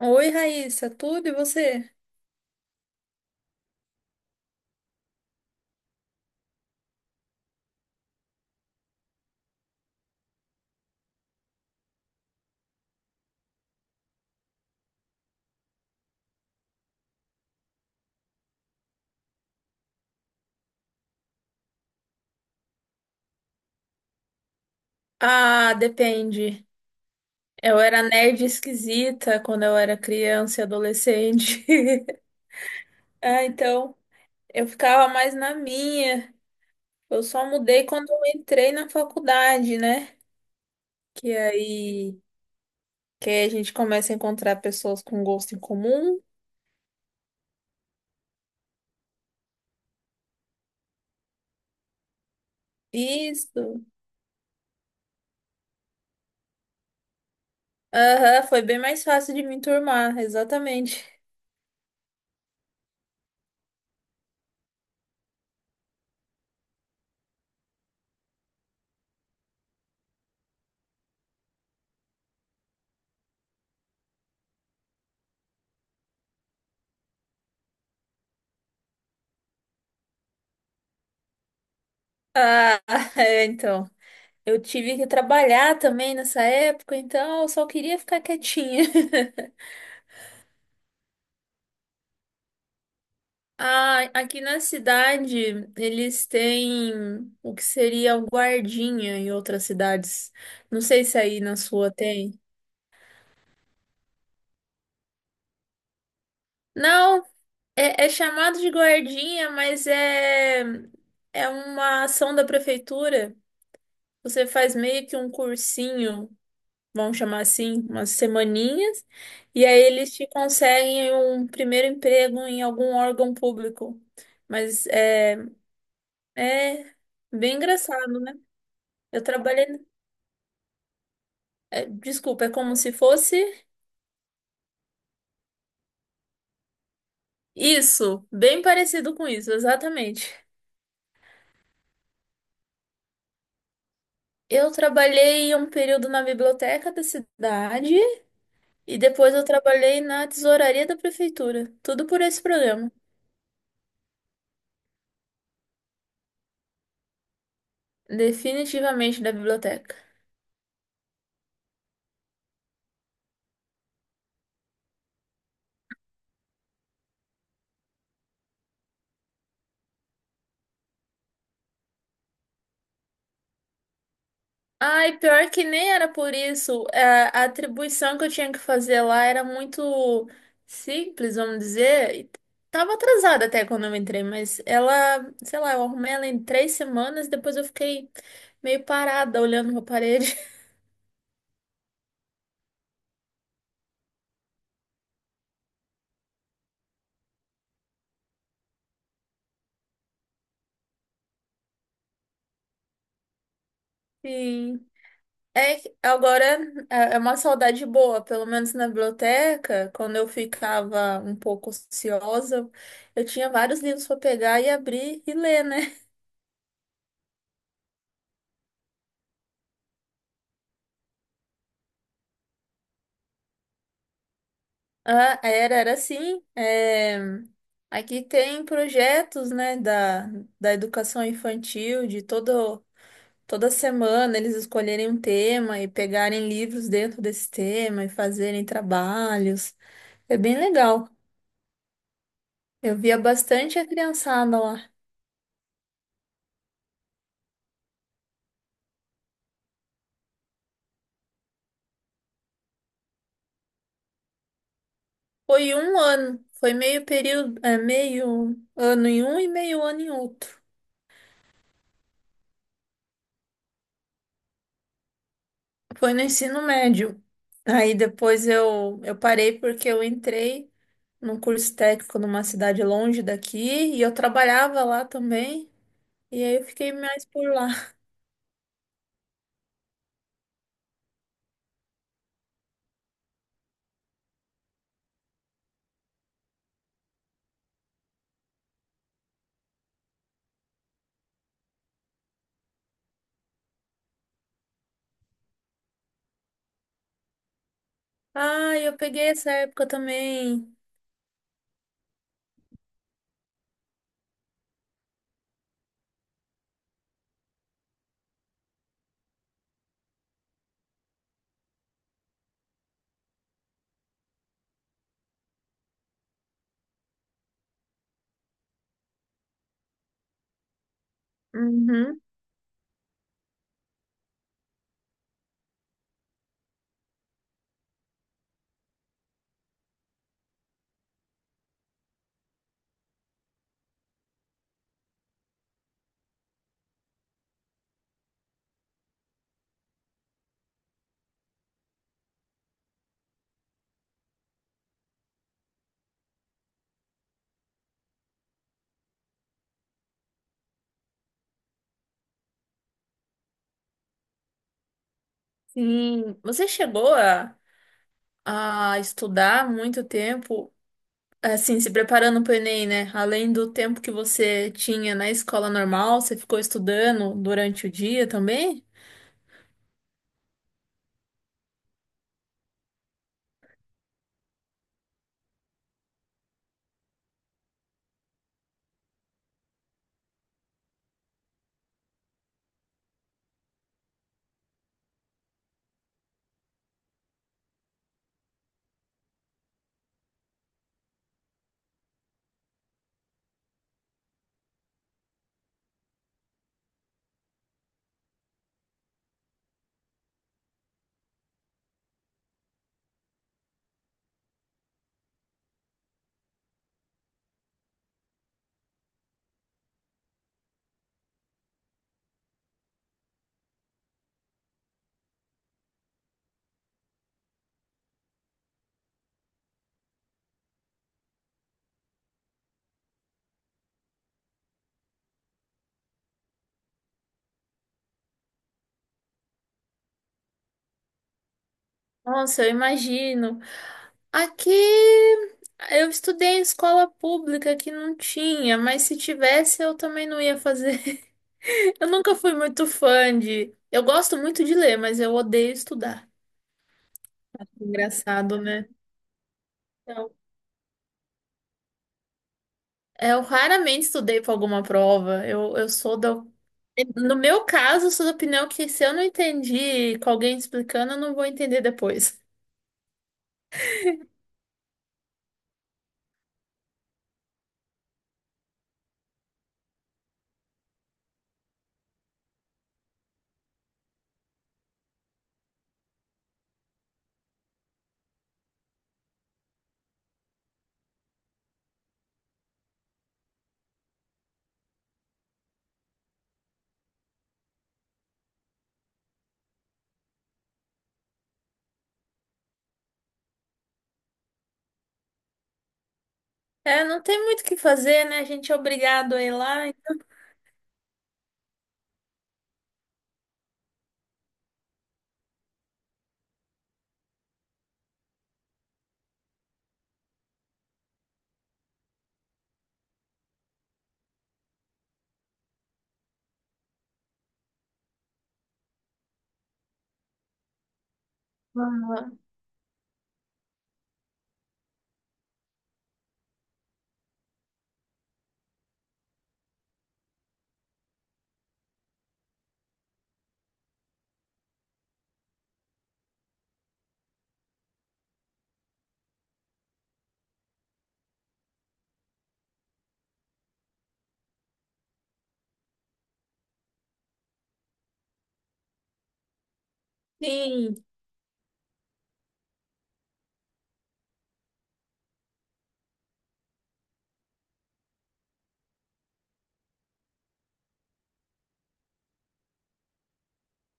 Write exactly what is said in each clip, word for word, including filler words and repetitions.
Oi, Raíssa, tudo e você? Ah, depende. Eu era nerd esquisita quando eu era criança e adolescente. Ah, então eu ficava mais na minha. Eu só mudei quando eu entrei na faculdade, né? Que aí, que aí a gente começa a encontrar pessoas com gosto em comum. Isso. Aham, foi bem mais fácil de me enturmar, exatamente. Ah, é, então. Eu tive que trabalhar também nessa época, então eu só queria ficar quietinha. Ah, aqui na cidade eles têm o que seria o guardinha em outras cidades. Não sei se aí na sua tem. Não, é, é chamado de guardinha, mas é, é uma ação da prefeitura. Você faz meio que um cursinho, vamos chamar assim, umas semaninhas, e aí eles te conseguem um primeiro emprego em algum órgão público. Mas é, é bem engraçado, né? Eu trabalhei. É, desculpa, é como se fosse isso, bem parecido com isso, exatamente. Eu trabalhei um período na biblioteca da cidade e depois eu trabalhei na tesouraria da prefeitura. Tudo por esse programa. Definitivamente da biblioteca. Ai, pior que nem era por isso. É, a atribuição que eu tinha que fazer lá era muito simples, vamos dizer. E tava atrasada até quando eu entrei, mas ela, sei lá, eu arrumei ela em três semanas, depois eu fiquei meio parada olhando pra parede. Sim. É, que agora é é uma saudade boa, pelo menos na biblioteca. Quando eu ficava um pouco ociosa, eu tinha vários livros para pegar e abrir e ler, né? Ah, era, era assim. É, aqui tem projetos, né, da, da educação infantil, de todo, toda semana eles escolherem um tema e pegarem livros dentro desse tema e fazerem trabalhos. É bem legal. Eu via bastante a criançada lá. Foi um ano, foi meio período, é, meio ano em um e meio ano em outro. Foi no ensino médio. Aí depois eu, eu parei porque eu entrei num curso técnico numa cidade longe daqui e eu trabalhava lá também. E aí eu fiquei mais por lá. Ah, eu peguei essa época também. Uhum, sim. Você chegou a, a estudar muito tempo, assim, se preparando para o Enem, né? Além do tempo que você tinha na escola normal, você ficou estudando durante o dia também? Nossa, eu imagino. Aqui eu estudei em escola pública que não tinha, mas se tivesse eu também não ia fazer. Eu nunca fui muito fã de. Eu gosto muito de ler, mas eu odeio estudar. Engraçado, né? Então, eu raramente estudei para alguma prova. Eu, eu sou da. No meu caso, eu sou da opinião que se eu não entendi com alguém explicando, eu não vou entender depois. É, não tem muito o que fazer, né? A gente é obrigado a ir lá. Então, ah, sim.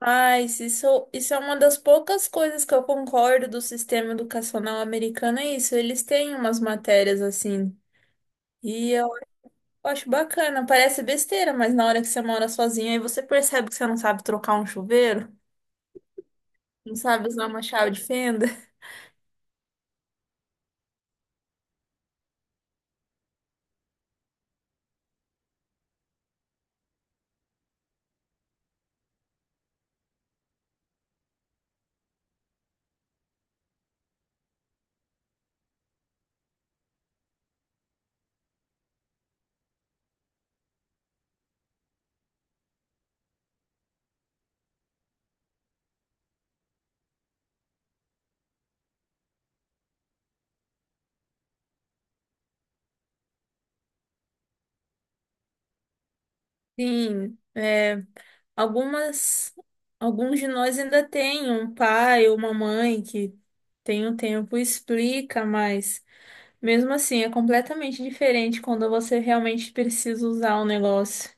Mas isso, isso é uma das poucas coisas que eu concordo do sistema educacional americano, é isso. Eles têm umas matérias assim. E eu acho bacana. Parece besteira, mas na hora que você mora sozinho, aí você percebe que você não sabe trocar um chuveiro, não sabe usar uma chave de fenda. Sim, é, algumas, alguns de nós ainda têm um pai ou uma mãe que tem o tempo e explica, mas. Mesmo assim, é completamente diferente quando você realmente precisa usar o negócio.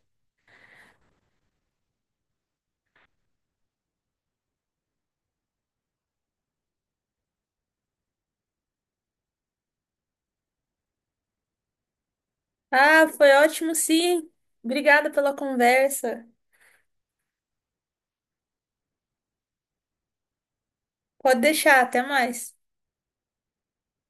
Ah, foi ótimo, sim. Obrigada pela conversa. Pode deixar, até mais.